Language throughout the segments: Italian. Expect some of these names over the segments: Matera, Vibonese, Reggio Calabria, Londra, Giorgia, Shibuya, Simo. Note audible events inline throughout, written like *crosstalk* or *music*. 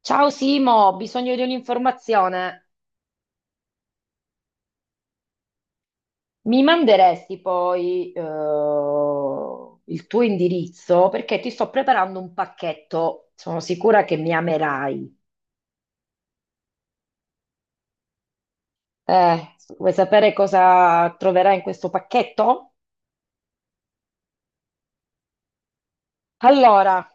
Ciao Simo, ho bisogno di un'informazione. Mi manderesti poi il tuo indirizzo perché ti sto preparando un pacchetto. Sono sicura che mi amerai. Vuoi sapere cosa troverai in questo pacchetto? Allora,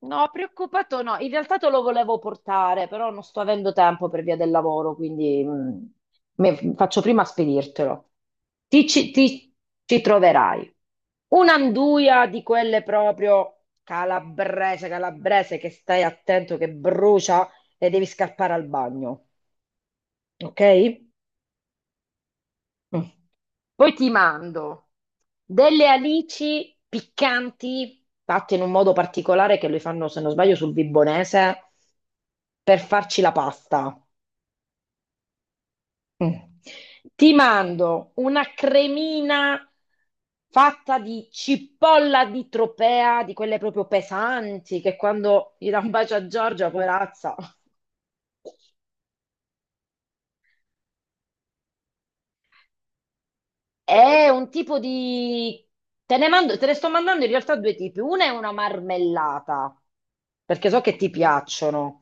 no, preoccupato no. In realtà te lo volevo portare, però non sto avendo tempo per via del lavoro, quindi faccio prima a spedirtelo. Ti ci troverai. Un'anduia di quelle proprio calabrese, calabrese, che stai attento che brucia e devi scappare al bagno, ok? Mm. Poi ti mando delle alici piccanti, fatte in un modo particolare che le fanno, se non sbaglio, sul Vibonese, per farci la pasta. Mm. Ti mando una cremina fatta di cipolla di tropea, di quelle proprio pesanti, che quando gli dà un bacio a Giorgia, poverazza, è un tipo di... Te ne mando, te ne sto mandando in realtà due tipi. Una è una marmellata, perché so che ti piacciono.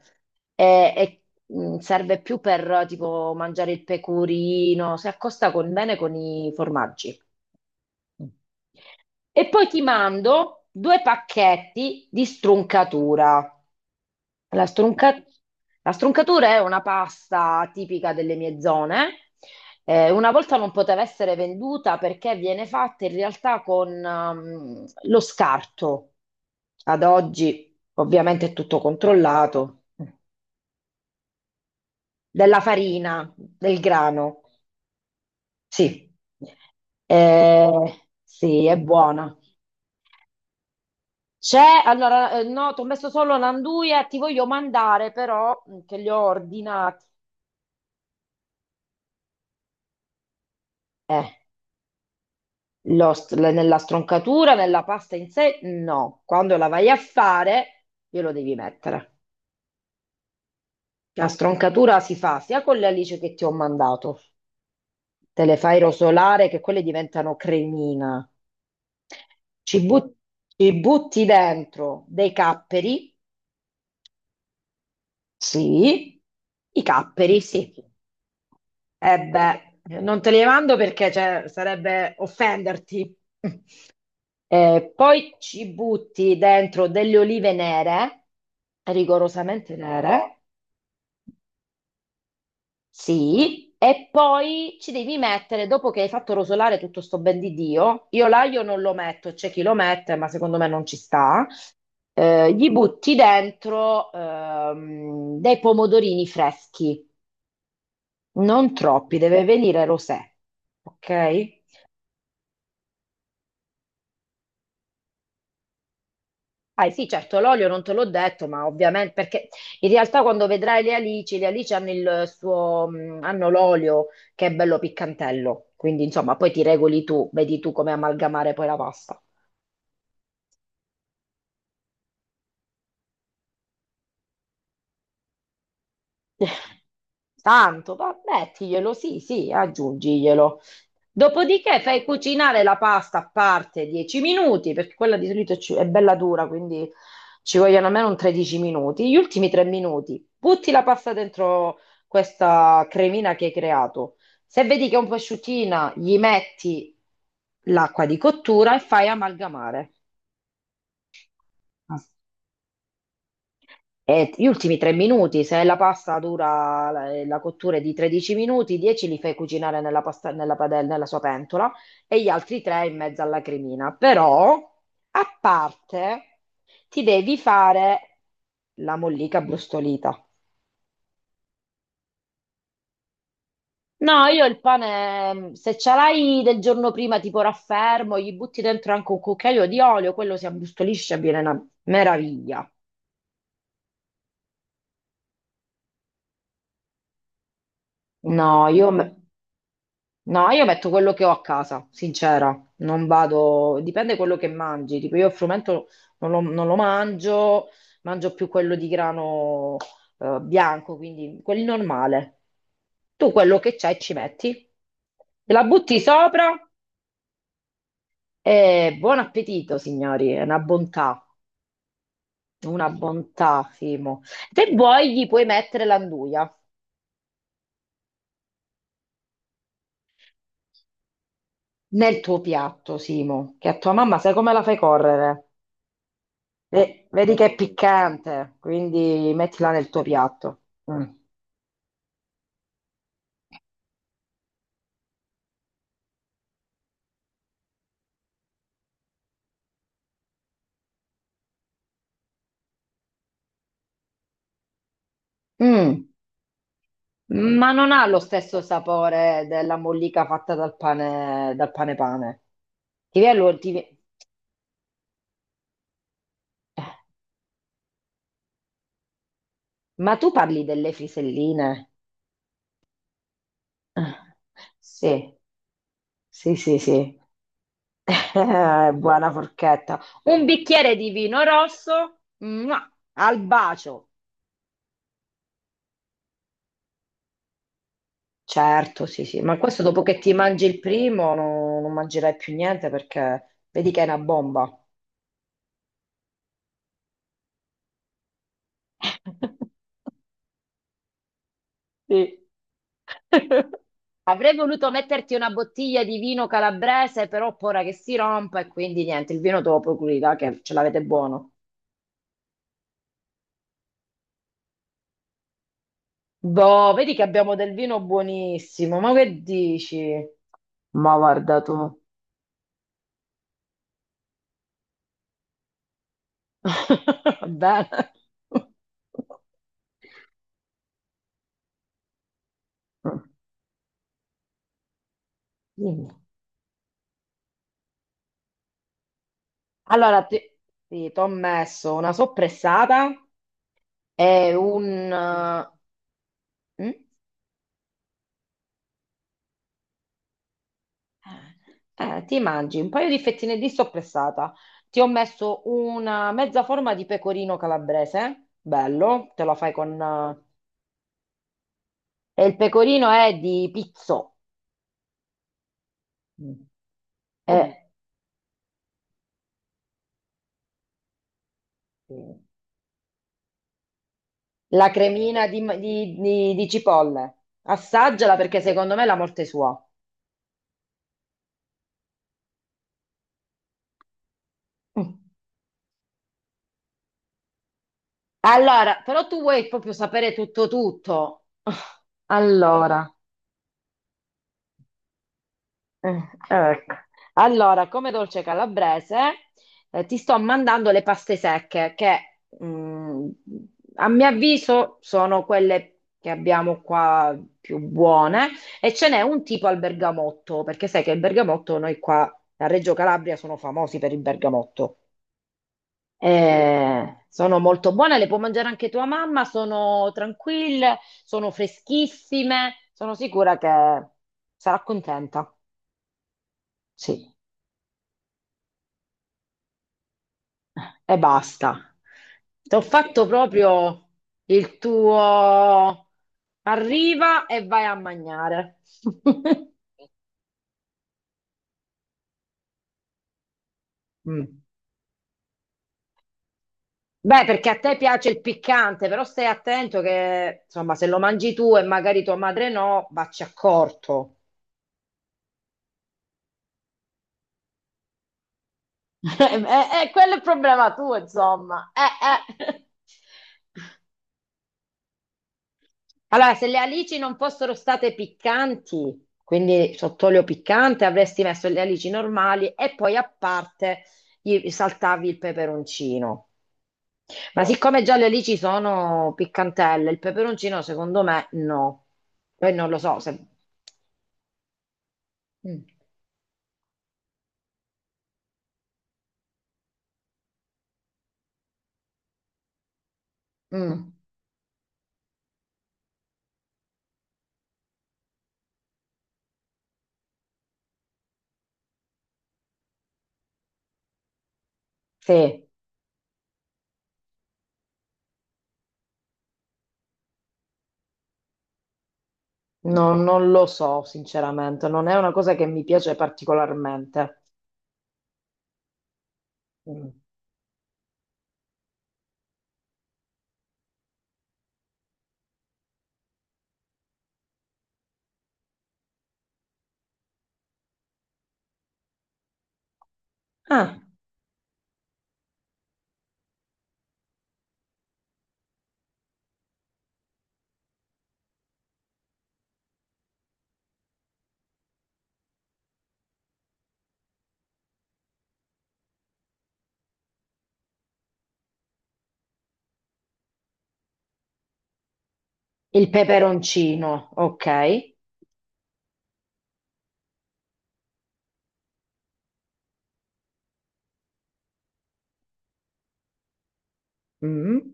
E serve più per tipo mangiare il pecorino, bene con i formaggi. E poi ti mando due pacchetti di struncatura. La strunca- la struncatura è una pasta tipica delle mie zone. Una volta non poteva essere venduta perché viene fatta in realtà con lo scarto. Ad oggi, ovviamente, è tutto controllato. Della farina, del grano. Sì, eh, sì, è buona. C'è, allora, no, ti ho messo solo l'anduia, ti voglio mandare però, che li ho ordinati. Eh. Nella stroncatura, nella pasta in sé, no. Quando la vai a fare, glielo devi mettere. La stroncatura si fa sia con le alici che ti ho mandato, te le fai rosolare che quelle diventano cremina. Ci, but- Ci butti dentro dei capperi, sì, i capperi, sì. E beh, non te li mando perché cioè, sarebbe offenderti. Poi ci butti dentro delle olive nere, rigorosamente nere, sì, e poi ci devi mettere, dopo che hai fatto rosolare tutto sto ben di Dio, io l'aglio non lo metto, c'è chi lo mette, ma secondo me non ci sta, gli butti dentro dei pomodorini freschi, non troppi, deve venire rosé, ok? Ah sì, certo, l'olio non te l'ho detto, ma ovviamente perché in realtà quando vedrai le alici hanno il suo, hanno l'olio che è bello piccantello, quindi insomma poi ti regoli tu, vedi tu come amalgamare poi la pasta. Tanto, va, mettiglielo, sì, sì, aggiungiglielo. Dopodiché fai cucinare la pasta a parte 10 minuti, perché quella di solito ci- è bella dura, quindi ci vogliono almeno un 13 minuti. Gli ultimi 3 minuti butti la pasta dentro questa cremina che hai creato. Se vedi che è un po' asciuttina, gli metti l'acqua di cottura e fai amalgamare. E gli ultimi 3 minuti, se la pasta dura la cottura è di 13 minuti, 10 li fai cucinare nella, pasta, nella, padella, nella sua pentola e gli altri 3 in mezzo alla cremina. Però, a parte, ti devi fare la mollica brustolita. No, io il pane, se ce l'hai del giorno prima, tipo raffermo, gli butti dentro anche un cucchiaio di olio, quello si abbrustolisce e viene una meraviglia. No, io me- No, io metto quello che ho a casa, sincera, non vado, dipende quello che mangi, tipo io il frumento non lo mangio, mangio più quello di grano bianco, quindi quelli normale. Tu quello che c'hai ci metti, te la butti sopra e buon appetito, signori, è una bontà, Simo. Se vuoi gli puoi mettere l'anduia nel tuo piatto, Simo, che a tua mamma sai come la fai correre? Vedi che è piccante, quindi mettila nel tuo piatto. Mm. Mm. Ma non ha lo stesso sapore della mollica fatta dal pane pane. Ti viene lo- ti vie- Ma tu parli delle friselline? Ah, sì, sì, sì, sì. *laughs* Buona forchetta. Un bicchiere di vino rosso, mua, al bacio. Certo, sì, sì, ma questo dopo che ti mangi il primo no- non mangerai più niente perché vedi che è una bomba. *laughs* Sì. Avrei voluto metterti una bottiglia di vino calabrese, però ho paura che si rompa e quindi niente, il vino te lo procuri là, che ce l'avete buono. Boh, vedi che abbiamo del vino buonissimo, ma che dici? Ma guarda tu. *laughs* Bene. *laughs* Mm. Dimmi. Allora, ti, sì, t'ho messo una soppressata e un... eh, mm? Ti mangi un paio di fettine di soppressata. Ti ho messo una mezza forma di pecorino calabrese, bello, te lo fai con... e il pecorino è di pizzo. Mm. Mm. La cremina di, di cipolle. Assaggiala perché secondo me è la morte sua. Mm. Allora, però tu vuoi proprio sapere tutto tutto. *laughs* Allora, eh, ecco. Allora, come dolce calabrese, ti sto mandando le paste secche che, mm, a mio avviso, sono quelle che abbiamo qua più buone e ce n'è un tipo al bergamotto, perché sai che il bergamotto noi qua a Reggio Calabria sono famosi per il bergamotto. Sono molto buone, le può mangiare anche tua mamma, sono tranquille, sono freschissime, sono sicura che sarà contenta. Sì, e basta. Ti ho fatto proprio il tuo arriva e vai a mangiare. *laughs* Mm. Beh, perché a te piace il piccante, però stai attento che, insomma, se lo mangi tu e magari tua madre no, vacci accorto. *laughs* E quello è il problema tuo, insomma. Eh. Allora, se le alici non fossero state piccanti, quindi sott'olio piccante, avresti messo le alici normali e poi a parte gli saltavi il peperoncino. Ma no, siccome già le alici sono piccantelle, il peperoncino secondo me no. Poi non lo so se... Mm, mm, sì, no, non lo so sinceramente, non è una cosa che mi piace particolarmente. Mm. Ah, il peperoncino, ok. Mm.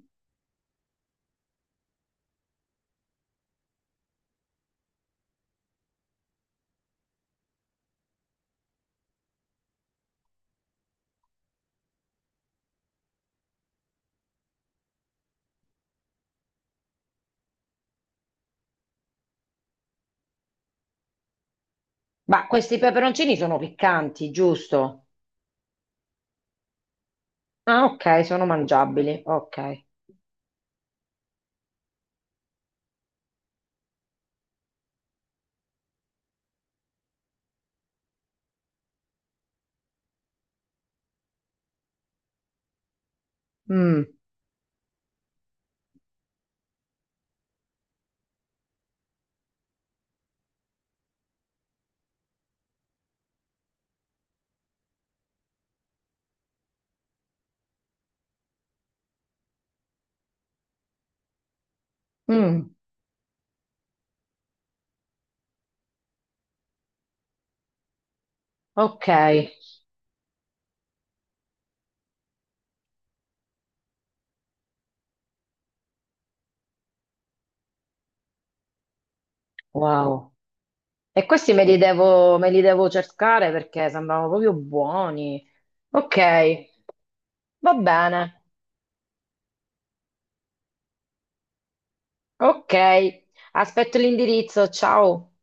Ma questi peperoncini sono piccanti, giusto? Ah, ok, sono mangiabili. Ok. Mm, mm, ok. Wow. E questi me li devo cercare perché sembravano proprio buoni. Ok, va bene. Ok. Aspetto l'indirizzo. Ciao.